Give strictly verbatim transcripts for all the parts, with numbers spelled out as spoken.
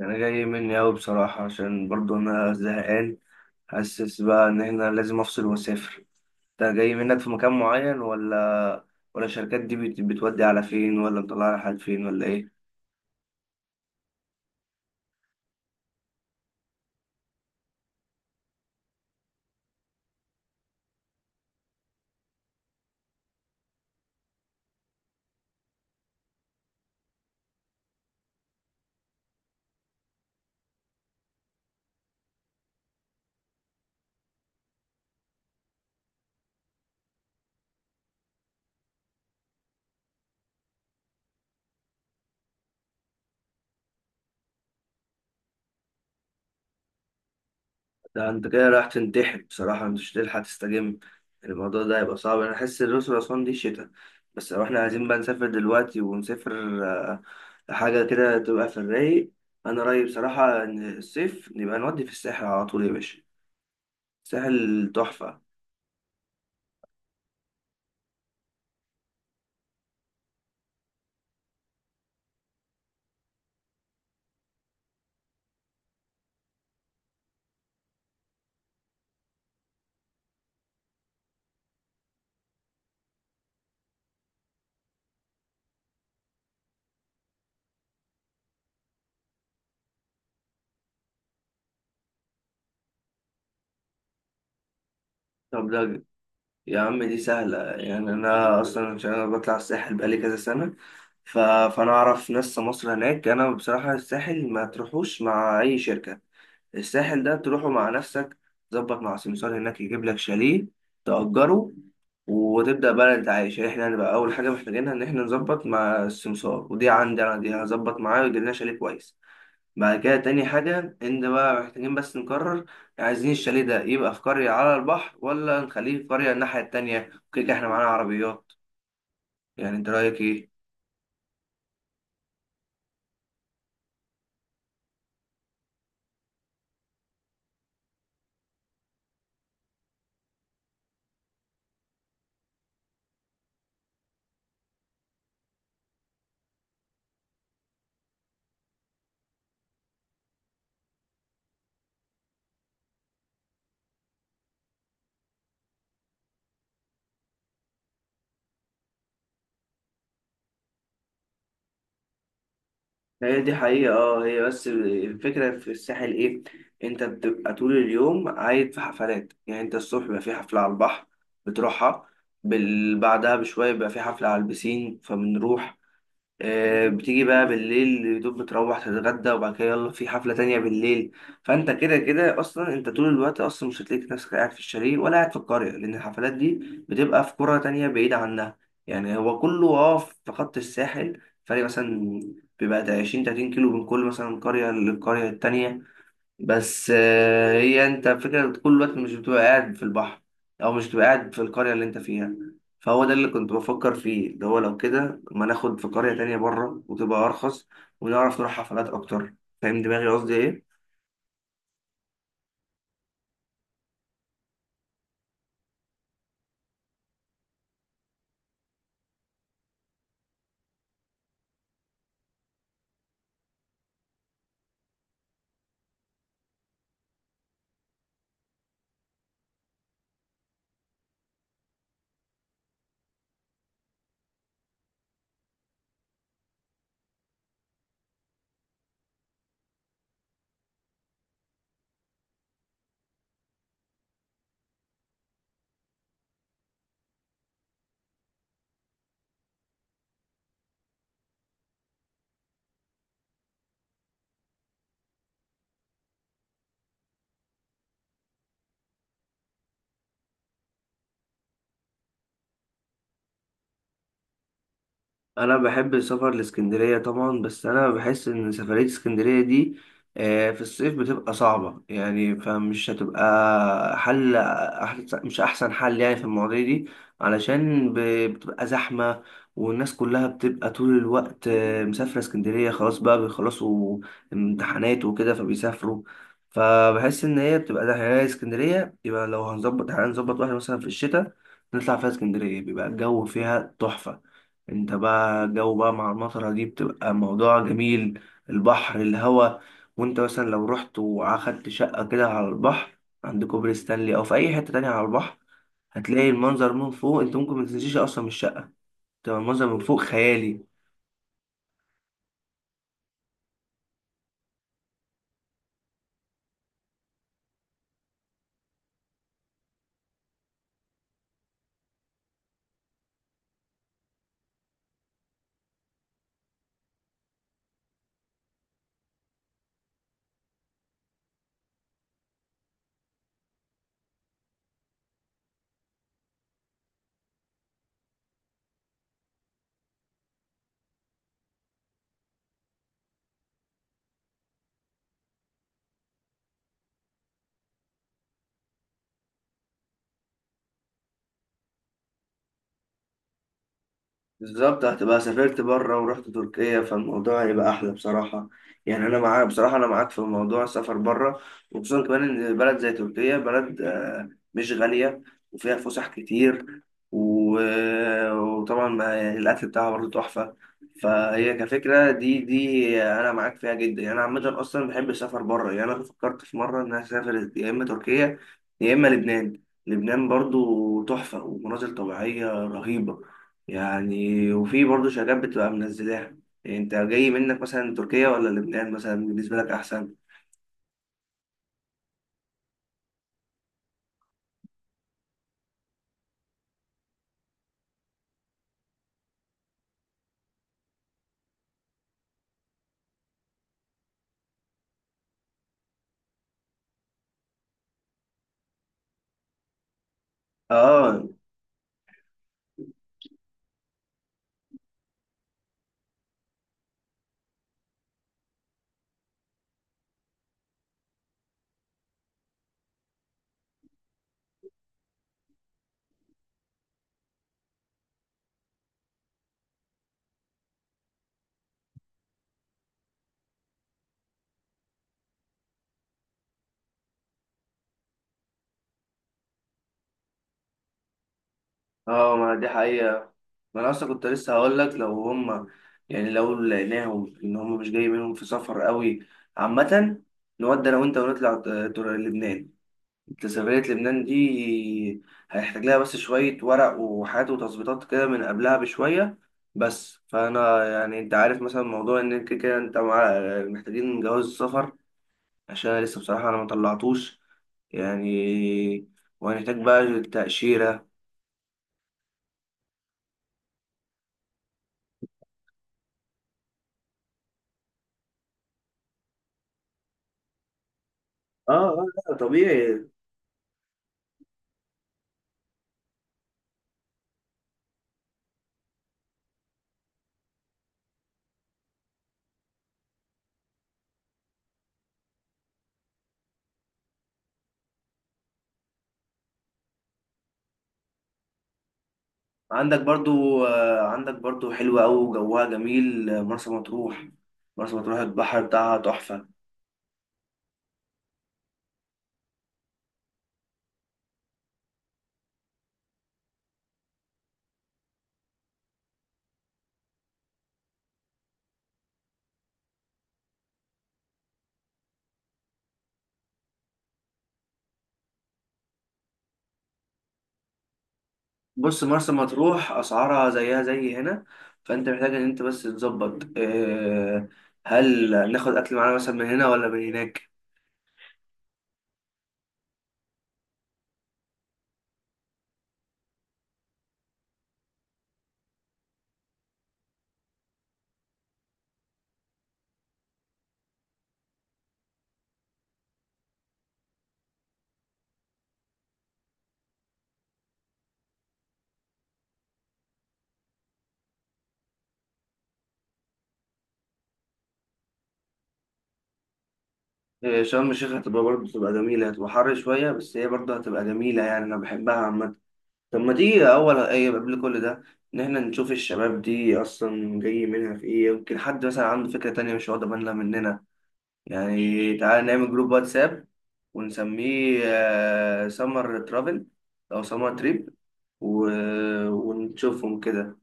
انا جاي مني اوي، بصراحة، عشان برضو انا زهقان. حاسس بقى ان احنا لازم افصل واسافر. انت جاي منك في مكان معين، ولا ولا الشركات دي بت- بتودي على فين، ولا مطلعة على حد فين، ولا ايه؟ ده انت كده رايح تنتحر بصراحة، مش تلحق تستجم. الموضوع ده هيبقى صعب، انا احس الأقصر وأسوان دي شتا. بس لو احنا عايزين بقى نسافر دلوقتي ونسافر آه، لحاجة كده تبقى في الرايق. انا رأيي بصراحة ان الصيف نبقى نودي في الساحل على طول يا باشا، الساحل تحفة. طب ده يا عم دي سهلة، يعني أنا أصلا عشان أنا بطلع الساحل بقالي كذا سنة. ف... فأنا أعرف ناس مصر هناك. أنا بصراحة الساحل ما تروحوش مع أي شركة. الساحل ده تروحه مع نفسك، تظبط مع سمسار هناك يجيب لك شاليه تأجره، وتبدأ بقى أنت عايش. يعني إحنا هنبقى أول حاجة محتاجينها إن إحنا نظبط مع السمسار، ودي عندي أنا، دي هظبط معاه ويجيب لنا شاليه كويس. بعد كده تاني حاجة إن بقى محتاجين بس نقرر، عايزين الشاليه ده يبقى في قرية على البحر ولا نخليه في قرية الناحية التانية؟ كده كده إحنا معانا عربيات. يعني أنت رأيك إيه؟ هي دي حقيقة اه، هي بس الفكرة في الساحل إيه؟ أنت بتبقى طول اليوم عايد في حفلات، يعني أنت الصبح بيبقى في حفلة على البحر بتروحها. بال... بعدها بشوية بيبقى في حفلة على البسين فبنروح. آه، بتيجي بقى بالليل يدوب بتروح تتغدى، وبعد كده يلا في حفلة تانية بالليل. فانت كده كده اصلا انت طول الوقت اصلا مش هتلاقي نفسك قاعد في الشاليه ولا قاعد في القرية، لان الحفلات دي بتبقى في قرى تانية بعيدة عنها. يعني هو كله اه في خط الساحل، فرق مثلا بيبقى ده عشرين تلاتين كيلو من كل مثلا قرية للقرية التانية. بس آه، هي انت فكرة طول الوقت مش بتبقى قاعد في البحر، او مش بتبقى قاعد في القرية اللي انت فيها. فهو ده اللي كنت بفكر فيه، اللي هو لو كده ما ناخد في قرية تانية بره وتبقى ارخص ونعرف نروح حفلات اكتر. فاهم دماغي قصدي ايه؟ انا بحب السفر لاسكندريه طبعا، بس انا بحس ان سفريه اسكندريه دي آه، في الصيف بتبقى صعبه، يعني فمش هتبقى حل أحسن، مش احسن حل يعني في المواضيع دي. علشان ب- بتبقى زحمه، والناس كلها بتبقى طول الوقت آه، مسافره اسكندريه. خلاص بقى بيخلصوا امتحانات وكده فبيسافروا. فبحس ان هي بتبقى زحمه يعني اسكندريه، يبقى لو هنظبط، هنظبط واحده مثلا في الشتاء نطلع فيها اسكندريه، بيبقى الجو فيها تحفه. انت بقى جو بقى مع المطرة دي بتبقى موضوع جميل، البحر، الهوا. وانت مثلا لو رحت واخدت شقة كده على البحر عند كوبري ستانلي او في اي حتة تانية على البحر، هتلاقي المنظر من فوق، انت ممكن ما تنسيش اصلا. من الشقة تبقى المنظر من فوق خيالي. بالظبط، هتبقى سافرت بره ورحت تركيا فالموضوع هيبقى احلى بصراحه. يعني انا معاك بصراحه، انا معاك في موضوع السفر بره، وخصوصا كمان ان بلد زي تركيا بلد آه، مش غاليه وفيها فسح كتير و- آه، وطبعا ما- يعني الاكل بتاعها برضه تحفه. فهي كفكره دي دي انا معاك فيها جدا. يعني انا عامه اصلا بحب السفر بره، يعني انا فكرت في مره ان انا اسافر يا اما تركيا يا اما لبنان. لبنان برضه تحفه ومناظر طبيعيه رهيبه يعني، وفي برضه شركات بتبقى منزلاها. يعني انت جاي منك مثلا تركيا ولا لبنان، مثلا بالنسبة لك احسن؟ اه اه، ما دي حقيقة. ما انا اصلا كنت لسه هقول لك لو هم، يعني لو لقيناهم ان هم مش جاي منهم في سفر قوي، عامة نودي انا وانت ونطلع ت- تر- لبنان. جاذبية لبنان دي هيحتاج لها بس شوية ورق وحاجات وتظبيطات كده من قبلها بشوية. بس فأنا يعني أنت عارف مثلا موضوع إن كده كده أنت مع، محتاجين جواز السفر، عشان أنا لسه بصراحة أنا مطلعتوش يعني، وهنحتاج بقى تأشيرة. اه اه، لا طبيعي. عندك برضو آه، عندك برضو حلوة أوي وجوها جميل، آه، مرسى مطروح. مرسى مطروح البحر بتاعها تحفة. بص مرسى مطروح اسعارها زيها زي هنا، فانت محتاج ان انت بس تظبط. آه، هل ناخد اكل معانا مثلا من هنا ولا من هناك؟ آه، شرم الشيخ هتبقى برضه تبقى جميلة، هتبقى حر شوية بس هي برضه هتبقى جميلة يعني أنا بحبها عامة. طب ما تيجي أول أي قبل كل ده إن إحنا نشوف الشباب دي أصلا جاي منها في إيه، يمكن حد مثلا عنده فكرة تانية مش واخدة بالنا مننا. يعني تعالى نعمل جروب واتساب ونسميه سمر ترافل أو سمر تريب، و... ونشوفهم كده.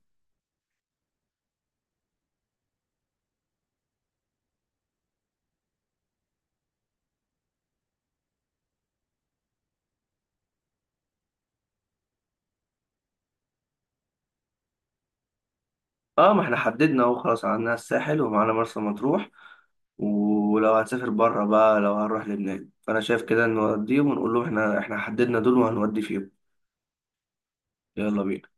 اه، ما احنا حددنا اهو، خلاص عندنا الساحل ومعانا مرسى مطروح. ولو هنسافر بره بقى لو هنروح لبنان، فانا شايف كده نوديهم ونقول لهم احنا احنا حددنا دول وهنودي فيهم. يلا بينا.